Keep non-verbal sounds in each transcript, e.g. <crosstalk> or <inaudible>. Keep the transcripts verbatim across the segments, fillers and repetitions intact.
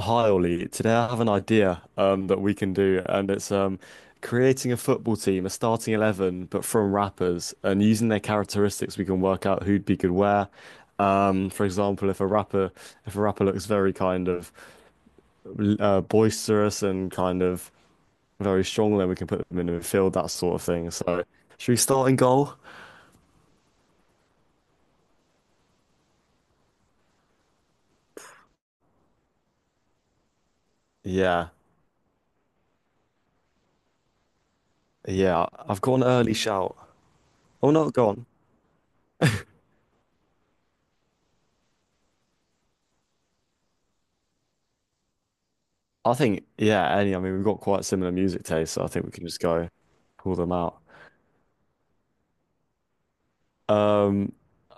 Hi Ollie, today I have an idea um, that we can do, and it's um, creating a football team, a starting eleven, but from rappers, and using their characteristics, we can work out who'd be good where. Um, for example, if a rapper, if a rapper looks very kind of uh, boisterous and kind of very strong, then we can put them in the midfield, that sort of thing. So, should we start in goal? Yeah, yeah. I've got an early shout. Oh no, go on. I think, yeah, any, I mean, we've got quite similar music tastes, so I think we can just go pull them out. Um,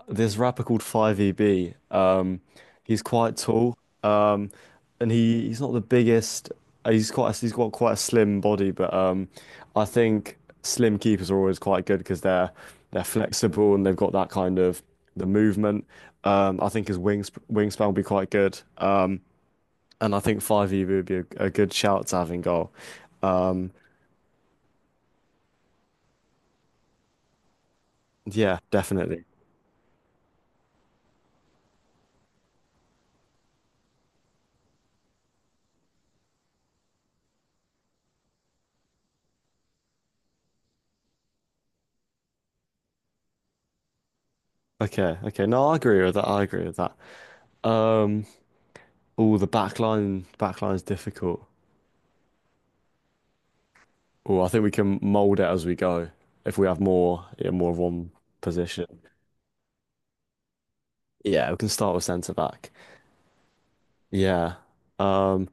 this rapper called five E B, um, he's quite tall, um, and he, he's not the biggest. uh, He's quite, he's got quite a slim body, but um, I think slim keepers are always quite good because they're they're flexible and they've got that kind of the movement. Um, I think his wings wingspan will be quite good, um, and I think five E B would be a, a good shout to having goal. Yeah, definitely. Okay, okay. No, I agree with that. I agree with that. Um, oh, the back line, back line's difficult. Oh, I think we can mold it as we go if we have more, yeah, more of one position. Yeah, we can start with centre back. Yeah. Um,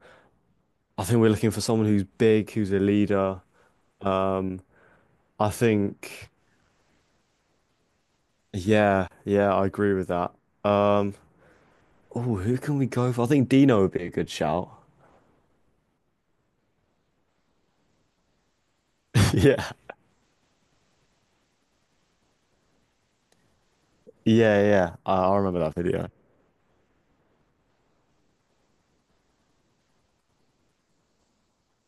I think we're looking for someone who's big, who's a leader. Um, I think, yeah, yeah, I agree with that. Um, oh, who can we go for? I think Dino would be a good shout. <laughs> Yeah, yeah, yeah. I, I remember that video.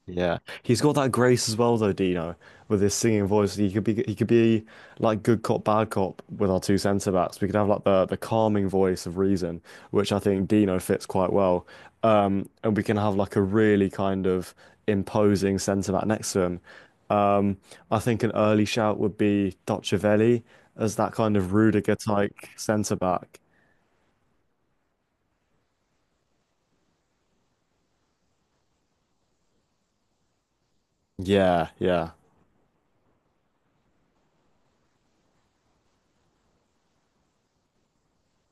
Yeah, he's got that grace as well, though, Dino, with his singing voice. He could be he could be like good cop, bad cop with our two centre backs. We could have like the the calming voice of reason, which I think Dino fits quite well. Um, and we can have like a really kind of imposing centre back next to him. Um, I think an early shout would be Docciovelli as that kind of Rudiger type centre back. Yeah, yeah.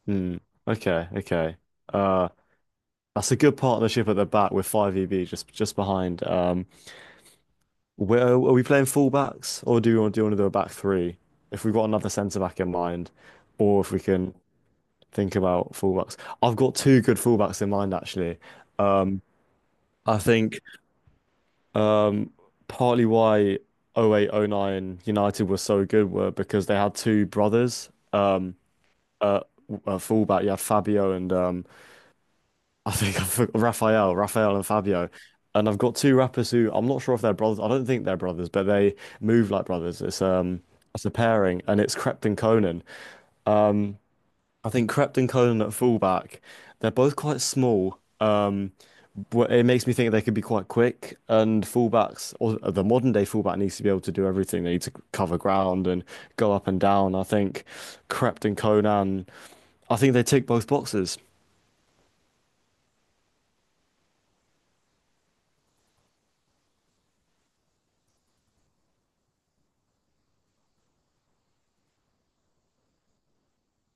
Hmm. Okay, okay. Uh, that's a good partnership at the back with five E B just just behind. Um, where are we playing fullbacks, or do we want to do want to do a back three? If we've got another centre back in mind, or if we can think about fullbacks, I've got two good fullbacks in mind actually. Um, I think um, partly why oh 08, oh 09 United were so good were because they had two brothers, uh, fullback. You had Fabio and um, I think I've Raphael Raphael and Fabio. And I've got two rappers who I'm not sure if they're brothers. I don't think they're brothers, but they move like brothers. It's um it's a pairing and it's Crept and Conan. I think Crept and Conan at fullback, they're both quite small. Um but it makes me think they could be quite quick and fullbacks or the modern day fullback needs to be able to do everything. They need to cover ground and go up and down. I think Crept and Conan, I think they tick both boxes.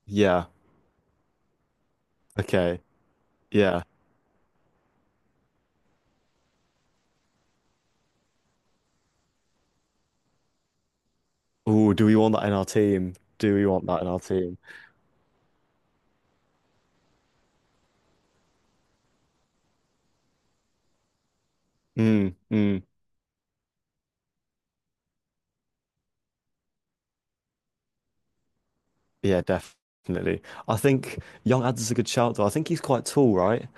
Yeah. Okay. Yeah. Oh, do we want that in our team? Do we want that in our team? Mm, mm. Yeah, definitely. I think Young Ad's is a good shout though. I think he's quite tall, right?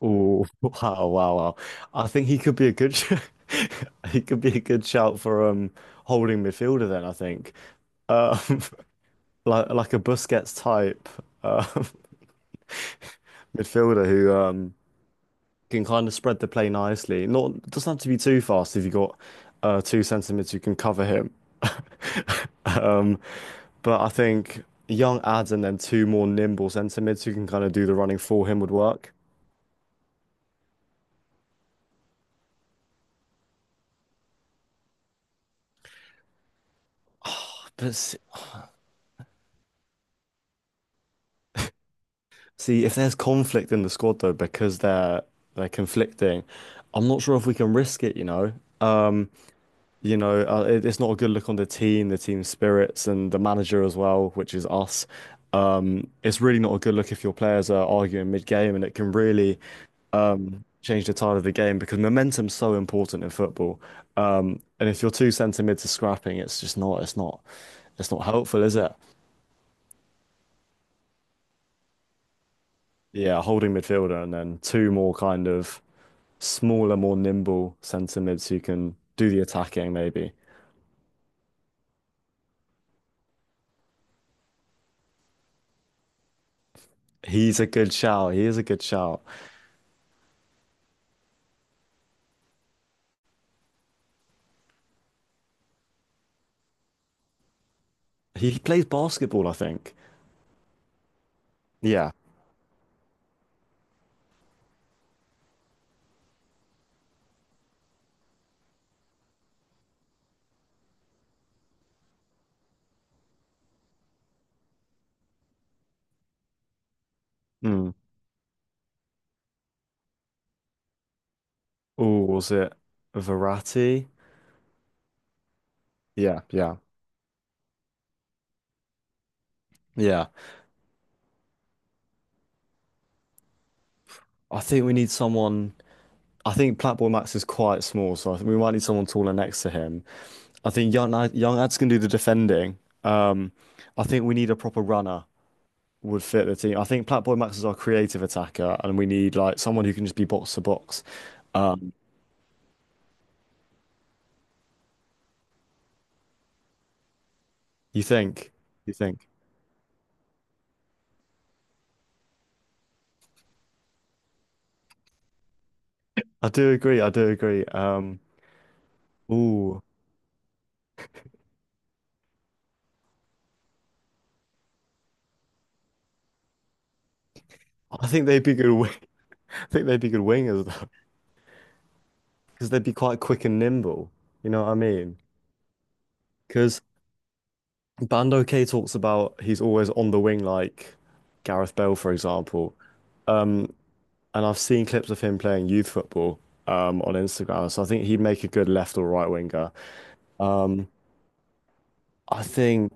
Oh, <laughs> wow, wow, wow. I think he could be a good sh <laughs> he could be a good shout for um holding midfielder then, I think. Um <laughs> like like a Busquets type um <laughs> midfielder who um can kind of spread the play nicely. Not it doesn't have to be too fast if you got uh, two centimeters you can cover him. <laughs> Um, but I think young ads and then two more nimble centimeters who can kind of do the running for him would work. But s- see, if there's conflict in the squad though, because they're they're conflicting, I'm not sure if we can risk it, you know. You know, uh, it, it's not a good look on the team, the team spirits, and the manager as well, which is us. Um, it's really not a good look if your players are arguing mid-game, and it can really change the tide of the game because momentum's so important in football. Um, and if your two centre mids are scrapping, it's just not, it's not, it's not helpful, is it? Yeah, holding midfielder and then two more kind of smaller, more nimble centre mids who can do the attacking, maybe. He's a good shout. He is a good shout. He plays basketball, I think. Yeah. Mm. Oh, was it Verratti? Yeah, yeah, yeah. I think we need someone. I think Platboy Max is quite small, so I think we might need someone taller next to him. I think young young Ads can do the defending. Um, I think we need a proper runner would fit the team. I think Platboy Max is our creative attacker, and we need like someone who can just be box to box. Um, you think? You think? I do agree. I do agree. Um, ooh, I think they'd be good. Wing- <laughs> I think they'd be good wingers, because they'd be quite quick and nimble. You know what I mean? Because Bando K talks about he's always on the wing, like Gareth Bale, for example. Um, and I've seen clips of him playing youth football um, on Instagram, so I think he'd make a good left or right winger. Um, I think,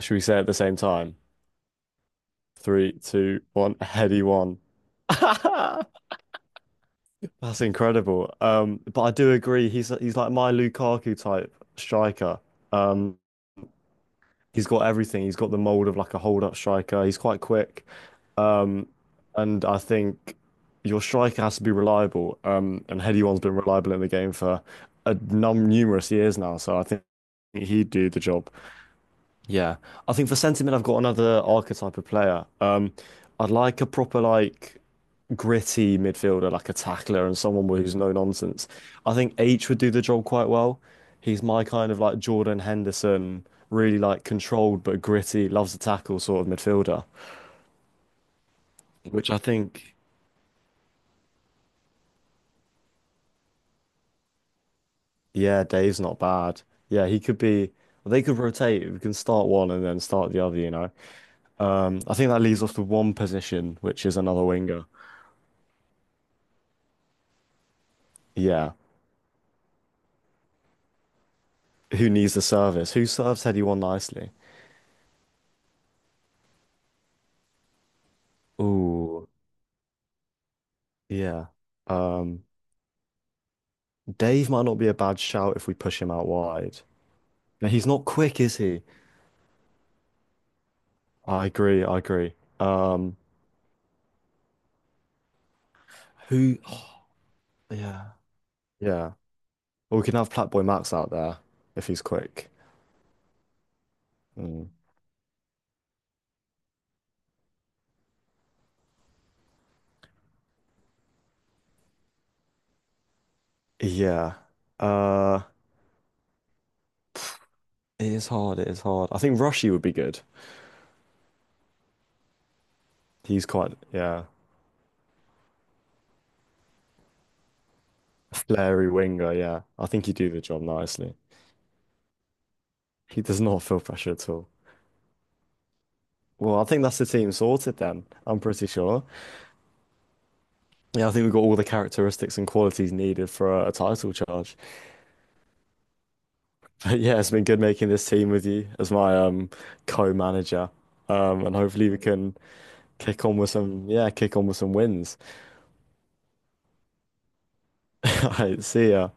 should we say it at the same time? Three, two, one, heady one. <laughs> That's incredible. Um, but I do agree, he's he's like my Lukaku type striker. Um, He's got everything. He's got the mold of like a hold-up striker. He's quite quick. Um, and I think your striker has to be reliable. Um, and Heady One's been reliable in the game for a num numerous years now. So I think he'd do the job. Yeah, I think for sentiment, I've got another archetype of player. Um, I'd like a proper like gritty midfielder, like a tackler and someone who's no nonsense. I think H would do the job quite well. He's my kind of like Jordan Henderson, really like controlled but gritty, loves to tackle sort of midfielder, which I think, yeah, Dave's not bad. Yeah, he could be. Well, they could rotate. We can start one and then start the other, you know. Um, I think that leaves us with one position, which is another winger. Yeah. Who needs the service? Who serves anyone nicely? Ooh, yeah. Um, Dave might not be a bad shout if we push him out wide. Now he's not quick, is he? I agree, I agree. Um, who? <sighs> yeah, yeah. Or we can have Platboy Max out there if he's quick. Mm. Yeah. Uh, it is hard. It is hard. I think Rushy would be good. He's quite, yeah, a flary winger. Yeah, I think he'd do the job nicely. He does not feel pressure at all. Well, I think that's the team sorted then. I'm pretty sure. Yeah, I think we've got all the characteristics and qualities needed for a, a title charge. <laughs> But yeah, it's been good making this team with you as my um co-manager. Um, and hopefully we can kick on with some yeah, kick on with some wins. <laughs> All right, see ya.